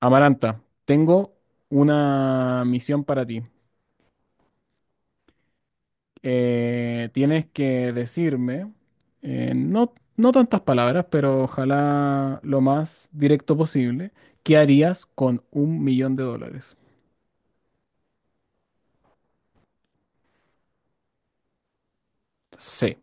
Amaranta, tengo una misión para ti. Tienes que decirme, no, no tantas palabras, pero ojalá lo más directo posible. ¿Qué harías con $1,000,000? Sí,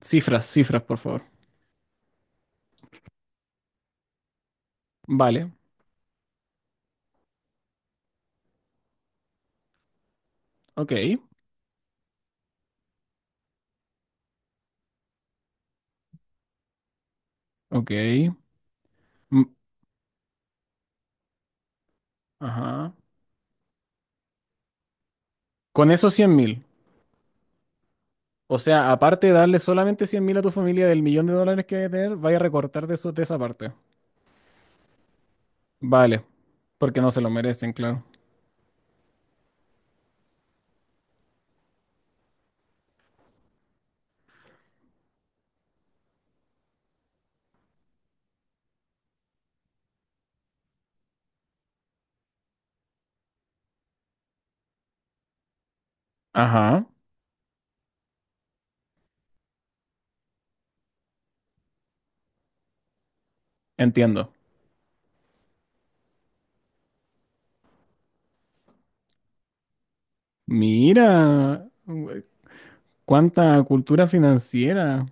cifras, cifras, por favor. Vale, ok, ok. Mm, ajá. Con esos 100,000, o sea, aparte de darle solamente 100,000 a tu familia del millón de dólares que debe tener, vaya a recortar de, eso, de esa parte. Vale, porque no se lo merecen, claro. Ajá, entiendo. Mira, cuánta cultura financiera.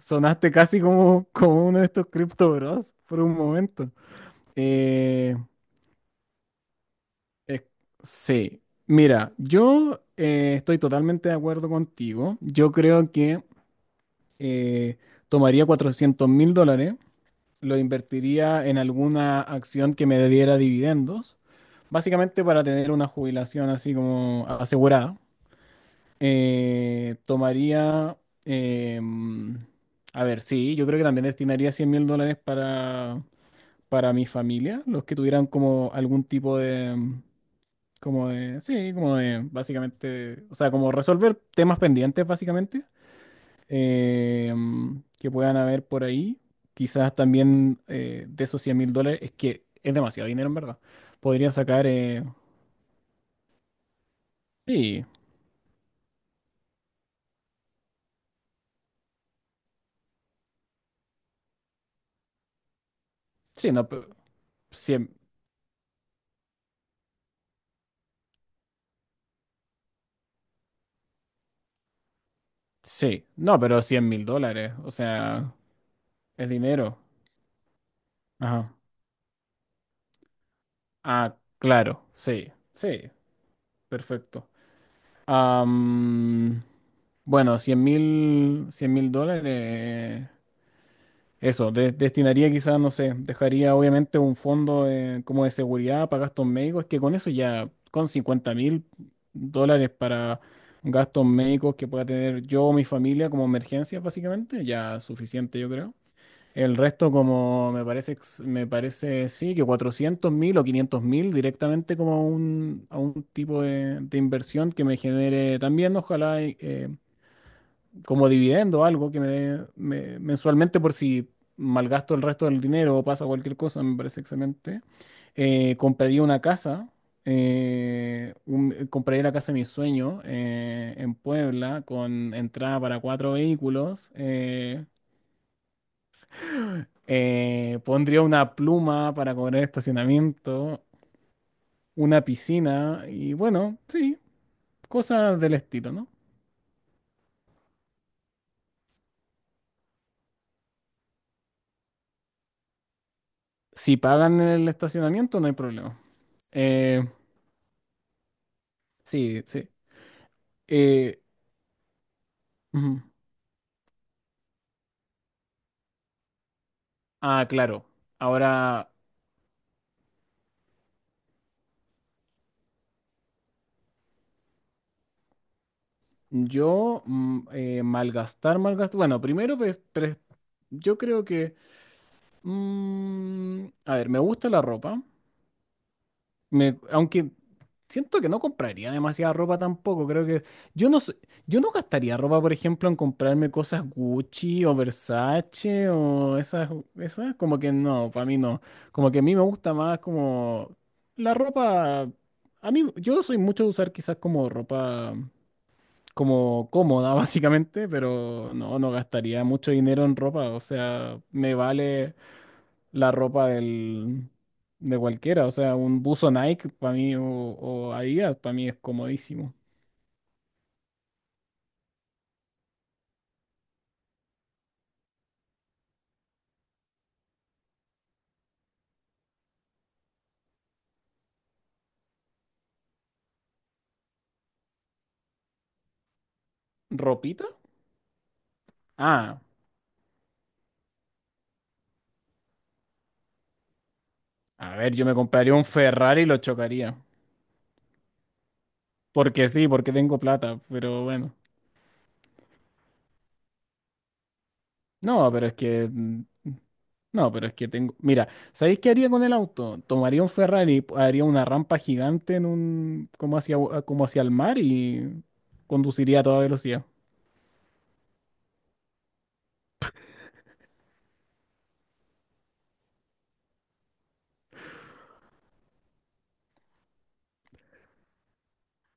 Sonaste casi como uno de estos Crypto Bros por un momento. Eh, es- sí, mira, yo estoy totalmente de acuerdo contigo. Yo creo que eh, tomaría $400,000, lo invertiría en alguna acción que me diera dividendos, básicamente para tener una jubilación así como asegurada. Eh, tomaría, em, a ver, sí, yo creo que también destinaría $100,000 para mi familia, los que tuvieran como algún tipo de, como de, sí, como de, básicamente, o sea, como resolver temas pendientes, básicamente, que puedan haber por ahí. Quizás también de esos $100,000, es que es demasiado dinero en verdad. Podrían sacar, sí, sí, no, 100. Sí, no, pero $100,000, o sea, es dinero. Ajá. Ah, claro, sí, sí, perfecto. Am, bueno, cien mil dólares, eso, destinaría quizás, no sé, dejaría obviamente un fondo como de seguridad para gastos médicos, que con eso ya, con $50,000 para gastos médicos que pueda tener yo o mi familia como emergencias, básicamente, ya suficiente, yo creo. El resto, como me parece, me parece sí, que 400 mil o 500 mil directamente como un, a un tipo de inversión que me genere también, ojalá, y, como dividendo algo que me dé mensualmente por si malgasto el resto del dinero o pasa cualquier cosa, me parece excelente. Compraría una casa, compraría la casa de mis sueños en Puebla con entrada para cuatro vehículos. Pondría una pluma para cobrar estacionamiento, una piscina y bueno, sí, cosas del estilo, ¿no? Si pagan el estacionamiento, no hay problema. Eh, sí, sí. Eh, Ujú. Ah, claro. Ahora, yo malgastar, malgastar. Bueno, primero, pues, yo creo que... A ver, me gusta la ropa. Aunque siento que no compraría demasiada ropa tampoco. Creo que yo no sé- yo no gastaría ropa, por ejemplo, en comprarme cosas Gucci o Versace o esas, esas como que no, para mí no. Como que a mí me gusta más como la ropa. A mí yo soy mucho de usar quizás como ropa como cómoda básicamente, pero no, no gastaría mucho dinero en ropa. O sea, me vale la ropa del, de cualquiera. O sea, un buzo Nike para mí o Adidas para mí es comodísimo. ¿Ropita? Ah, a ver, yo me compraría un Ferrari y lo chocaría. Porque sí, porque tengo plata, pero bueno. No, pero es que... No, pero es que tengo... Mira, ¿sabéis qué haría con el auto? Tomaría un Ferrari, haría una rampa gigante en un... como hacia el mar y conduciría a toda velocidad.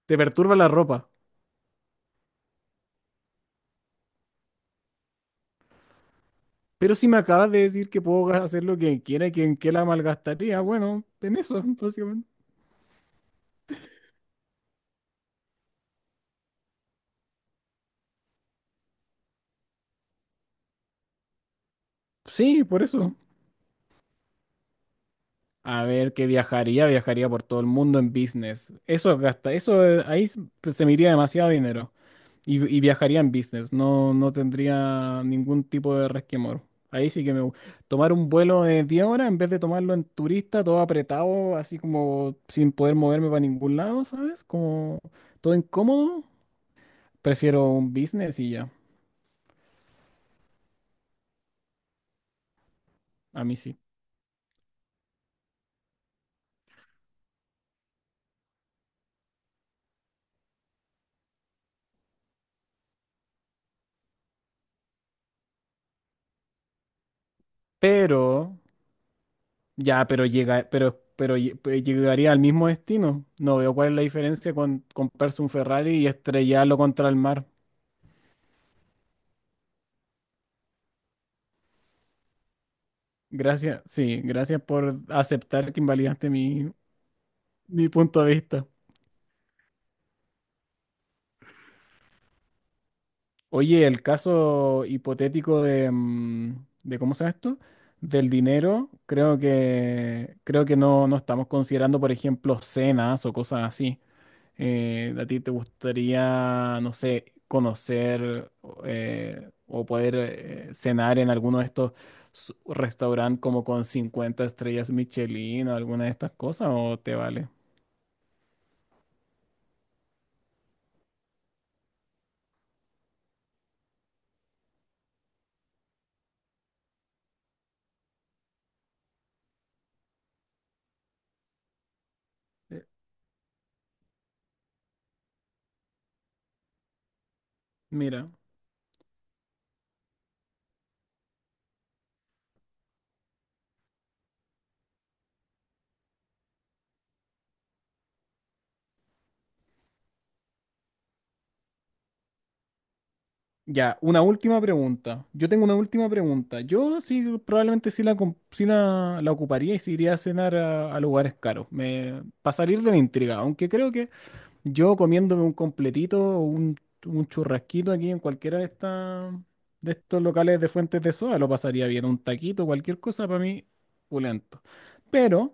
¿Te perturba la ropa? Pero si me acabas de decir que puedo hacer lo que quiera y que en qué la malgastaría, bueno, en eso, básicamente. Sí, por eso. A ver, que viajaría, viajaría por todo el mundo en business. Eso gasta, eso ahí pues, se me iría demasiado dinero. Y viajaría en business, no, no tendría ningún tipo de resquemor. Ahí sí que tomar un vuelo de 10 horas en vez de tomarlo en turista, todo apretado, así como sin poder moverme para ningún lado, ¿sabes? Como todo incómodo. Prefiero un business y ya. A mí sí. Pero, ya, pero llega, pues llegaría al mismo destino. No veo cuál es la diferencia con comprarse un Ferrari y estrellarlo contra el mar. Gracias, sí, gracias por aceptar que invalidaste mi, mi punto de vista. Oye, el caso hipotético de, de ¿cómo se llama esto? Del dinero, creo que no, no estamos considerando, por ejemplo, cenas o cosas así. ¿A ti te gustaría, no sé, conocer o poder cenar en alguno de estos restaurantes como con 50 estrellas Michelin o alguna de estas cosas o te vale? Eh, Mira, ya, una última pregunta. Yo tengo una última pregunta. Yo sí, probablemente sí la, sí la ocuparía y sí iría a cenar a lugares caros. Me, para salir de la intriga, aunque creo que yo comiéndome un completito o un churrasquito aquí en cualquiera de estas de estos locales de fuentes de soda, lo pasaría bien. Un taquito, cualquier cosa para mí, pulento. Pero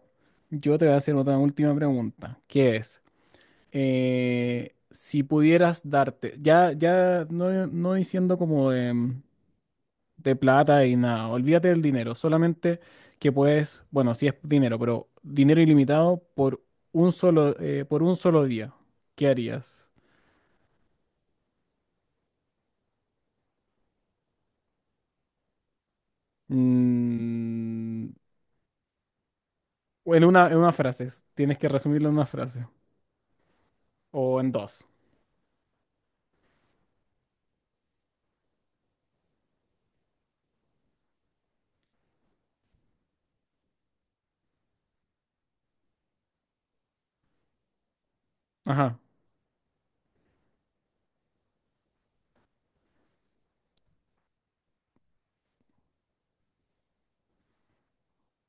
yo te voy a hacer otra última pregunta, que es, si pudieras darte, ya, ya no, no diciendo como de plata y nada, olvídate del dinero, solamente que puedes, bueno, sí es dinero, pero dinero ilimitado por un solo día, ¿qué harías? Mm, en una, en una frase. Tienes que resumirlo en una frase. O en dos. Ajá.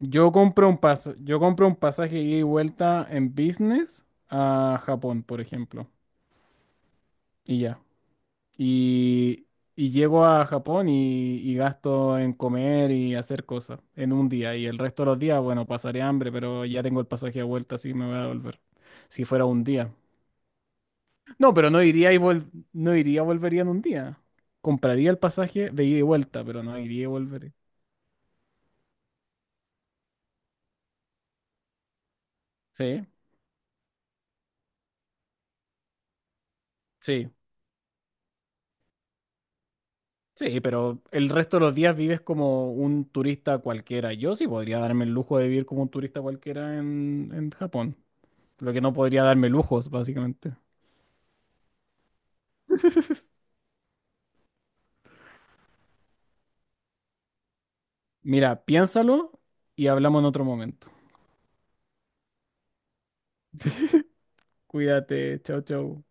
Yo compro un yo compro un pasaje ida y vuelta en business a Japón, por ejemplo. Y ya. Y, y llego a Japón y gasto en comer y hacer cosas en un día. Y el resto de los días, bueno, pasaré hambre, pero ya tengo el pasaje de vuelta, así que me voy a volver. Si fuera un día. No, pero no iría y no iría, volvería en un día. Compraría el pasaje de ida y vuelta, pero no iría y volvería. Sí, sí, sí, pero el resto de los días vives como un turista cualquiera. Yo sí podría darme el lujo de vivir como un turista cualquiera en Japón. Lo que no podría darme lujos, básicamente. Mira, piénsalo y hablamos en otro momento. Cuídate, chao, chao.